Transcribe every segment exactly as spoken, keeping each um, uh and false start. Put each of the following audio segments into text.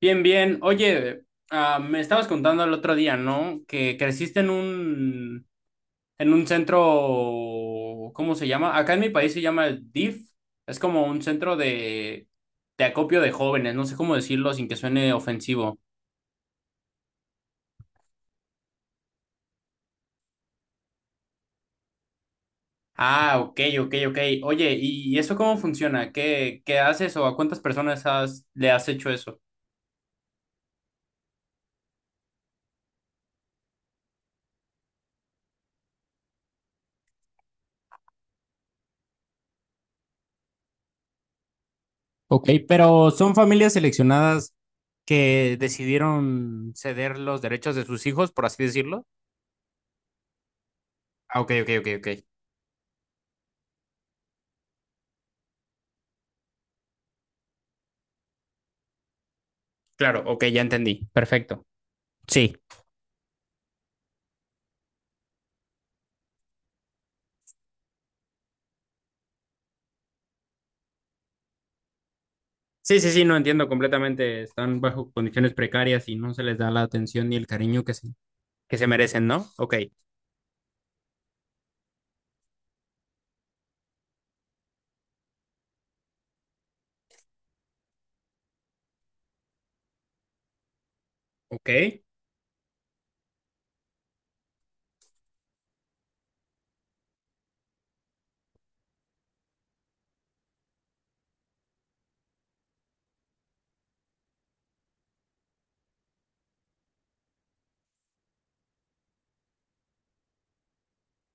Bien, bien. Oye, ah, me estabas contando el otro día, ¿no? Que creciste en un, en un centro, ¿cómo se llama? Acá en mi país se llama el D I F. Es como un centro de, de acopio de jóvenes, no sé cómo decirlo sin que suene ofensivo. Ah, ok, ok, ok. Oye, ¿y eso cómo funciona? ¿Qué, qué haces o a cuántas personas has, le has hecho eso? Ok, pero son familias seleccionadas que decidieron ceder los derechos de sus hijos, por así decirlo. Ah, ok, ok, ok, ok. Claro, ok, ya entendí. Perfecto. Sí. Sí, sí, sí, no entiendo completamente. Están bajo condiciones precarias y no se les da la atención ni el cariño que se, que se merecen, ¿no? Ok, ok,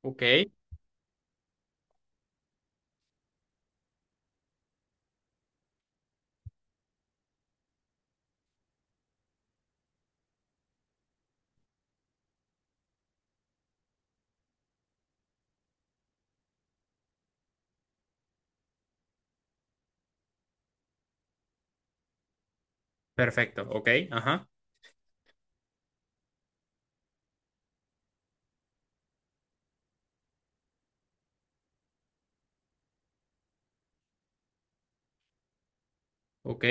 ok, perfecto, ok, ajá, ok,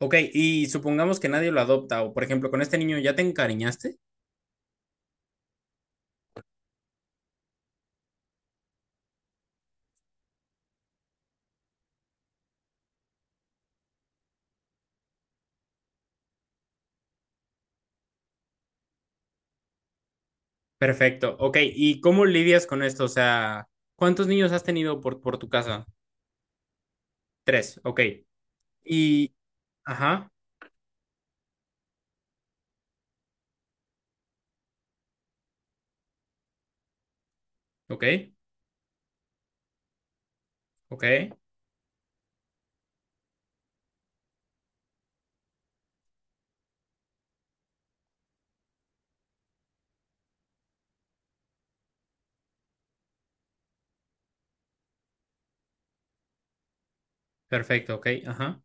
ok. Y supongamos que nadie lo adopta o, por ejemplo, con este niño ya te encariñaste. Perfecto, ok. ¿Y cómo lidias con esto? O sea, ¿cuántos niños has tenido por, por tu casa? Tres, ok. Y, ajá, ok, ok, perfecto, ok, ajá.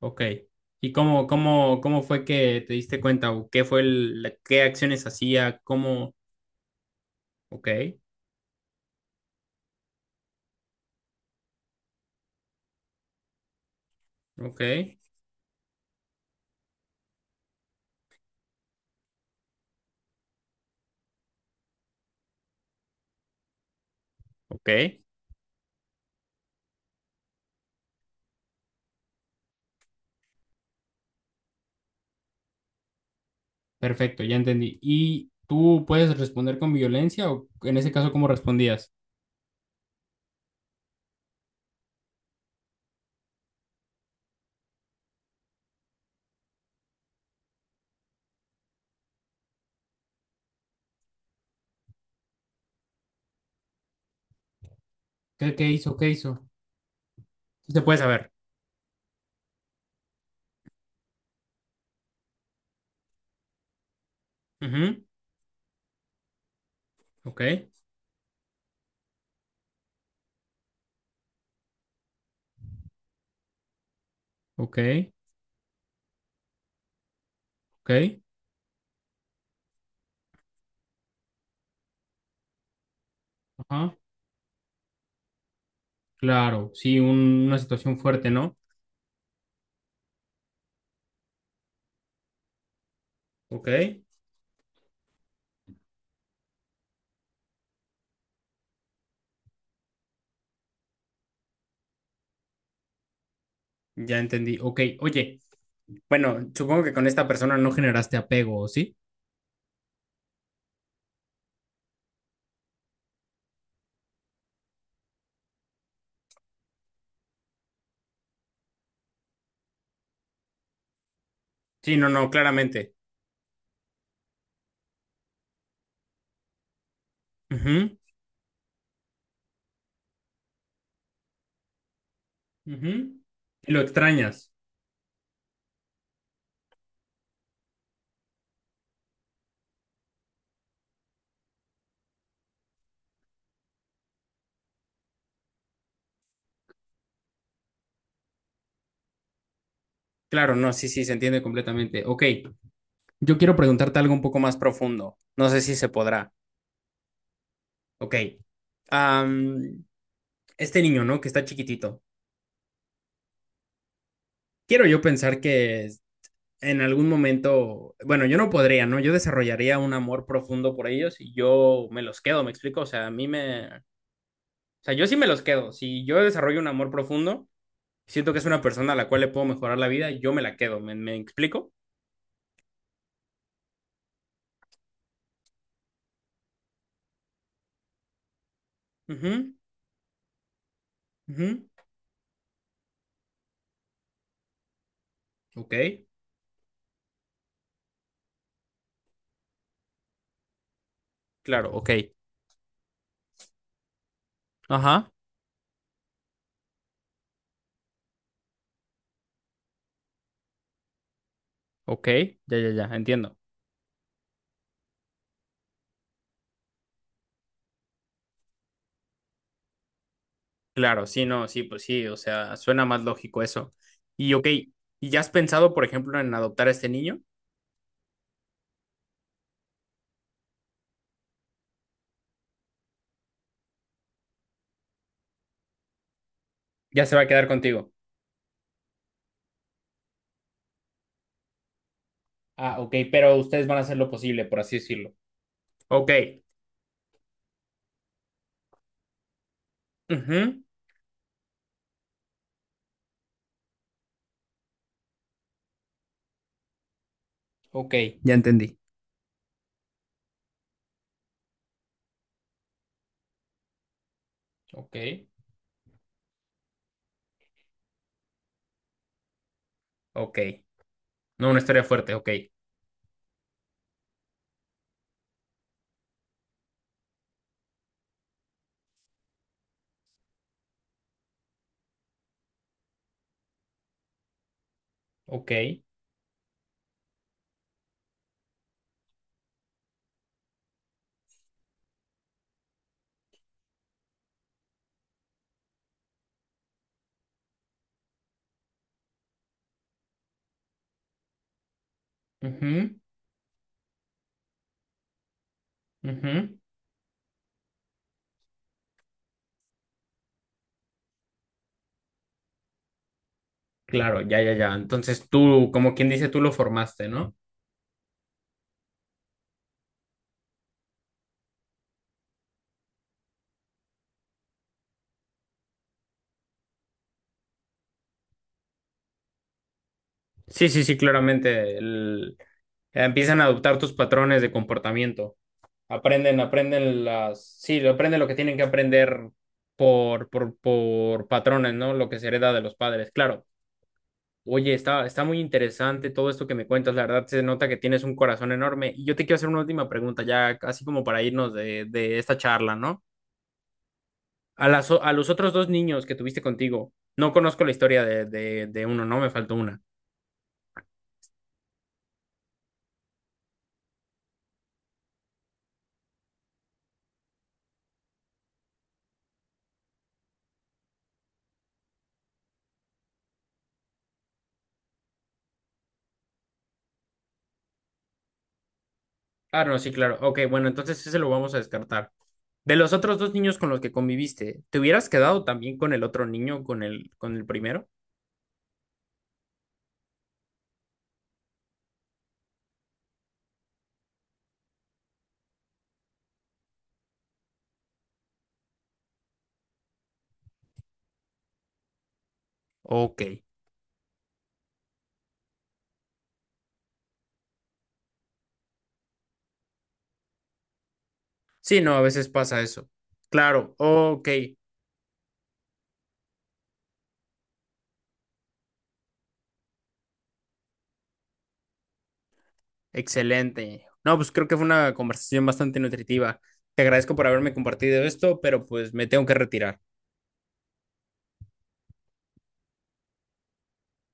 Ok. ¿Y cómo, cómo, cómo fue que te diste cuenta? ¿O qué fue el, la- qué acciones hacía? ¿Cómo? Ok, ok, ok. Perfecto, ya entendí. ¿Y tú puedes responder con violencia o en ese caso cómo respondías? ¿Qué, qué hizo? ¿Qué hizo? Sí, se puede saber. Ujú, ok, ok, ok. Ajá. Claro, sí, un- una situación fuerte, ¿no? Ok, ya entendí. Ok, oye, bueno, supongo que con esta persona no generaste apego, ¿o ¿sí? Sí, no, no, claramente. Ujú. Ujú. Lo extrañas. Claro, no, sí, sí, se entiende completamente. Ok, yo quiero preguntarte algo un poco más profundo. No sé si se podrá. Ok. Am, este niño, ¿no? Que está chiquitito. Quiero yo pensar que en algún momento, bueno, yo no podría, ¿no? Yo desarrollaría un amor profundo por ellos y yo me los quedo, ¿me explico? O sea, a mí me... O sea, yo sí me los quedo. Si yo desarrollo un amor profundo, siento que es una persona a la cual le puedo mejorar la vida, yo me la quedo, ¿me, me explico? Ujú, ujú. Ok. Claro, ok. Ajá, ok, ya, ya, ya, entiendo. Claro, sí, no, sí, pues sí, o sea, suena más lógico eso. Y ok, ¿y ya has pensado, por ejemplo, en adoptar a este niño? Ya se va a quedar contigo. Ah, ok, pero ustedes van a hacer lo posible, por así decirlo. Ok. Ujú, ok. Ya entendí. Ok. Ok. No, una historia fuerte, ok. Ok. Ujú, ujú. Claro, ya, ya, ya. Entonces tú, como quien dice, tú lo formaste, ¿no? Sí, sí, sí, claramente. el- Empiezan a adoptar tus patrones de comportamiento. Aprenden, aprenden las, sí, aprenden lo que tienen que aprender por, por, por patrones, ¿no? Lo que se hereda de los padres. Claro. Oye, está, está muy interesante todo esto que me cuentas. La verdad se nota que tienes un corazón enorme. Y yo te quiero hacer una última pregunta, ya así como para irnos de, de esta charla, ¿no? A las, o- a los otros dos niños que tuviste contigo, no conozco la historia de, de, de uno, ¿no? Me faltó una. Ah, no, sí, claro. Ok, bueno, entonces ese lo vamos a descartar. De los otros dos niños con los que conviviste, ¿te hubieras quedado también con el otro niño, con el, con el primero? Ok. Sí, no, a veces pasa eso. Claro, ok, excelente. No, pues creo que fue una conversación bastante nutritiva. Te agradezco por haberme compartido esto, pero pues me tengo que retirar.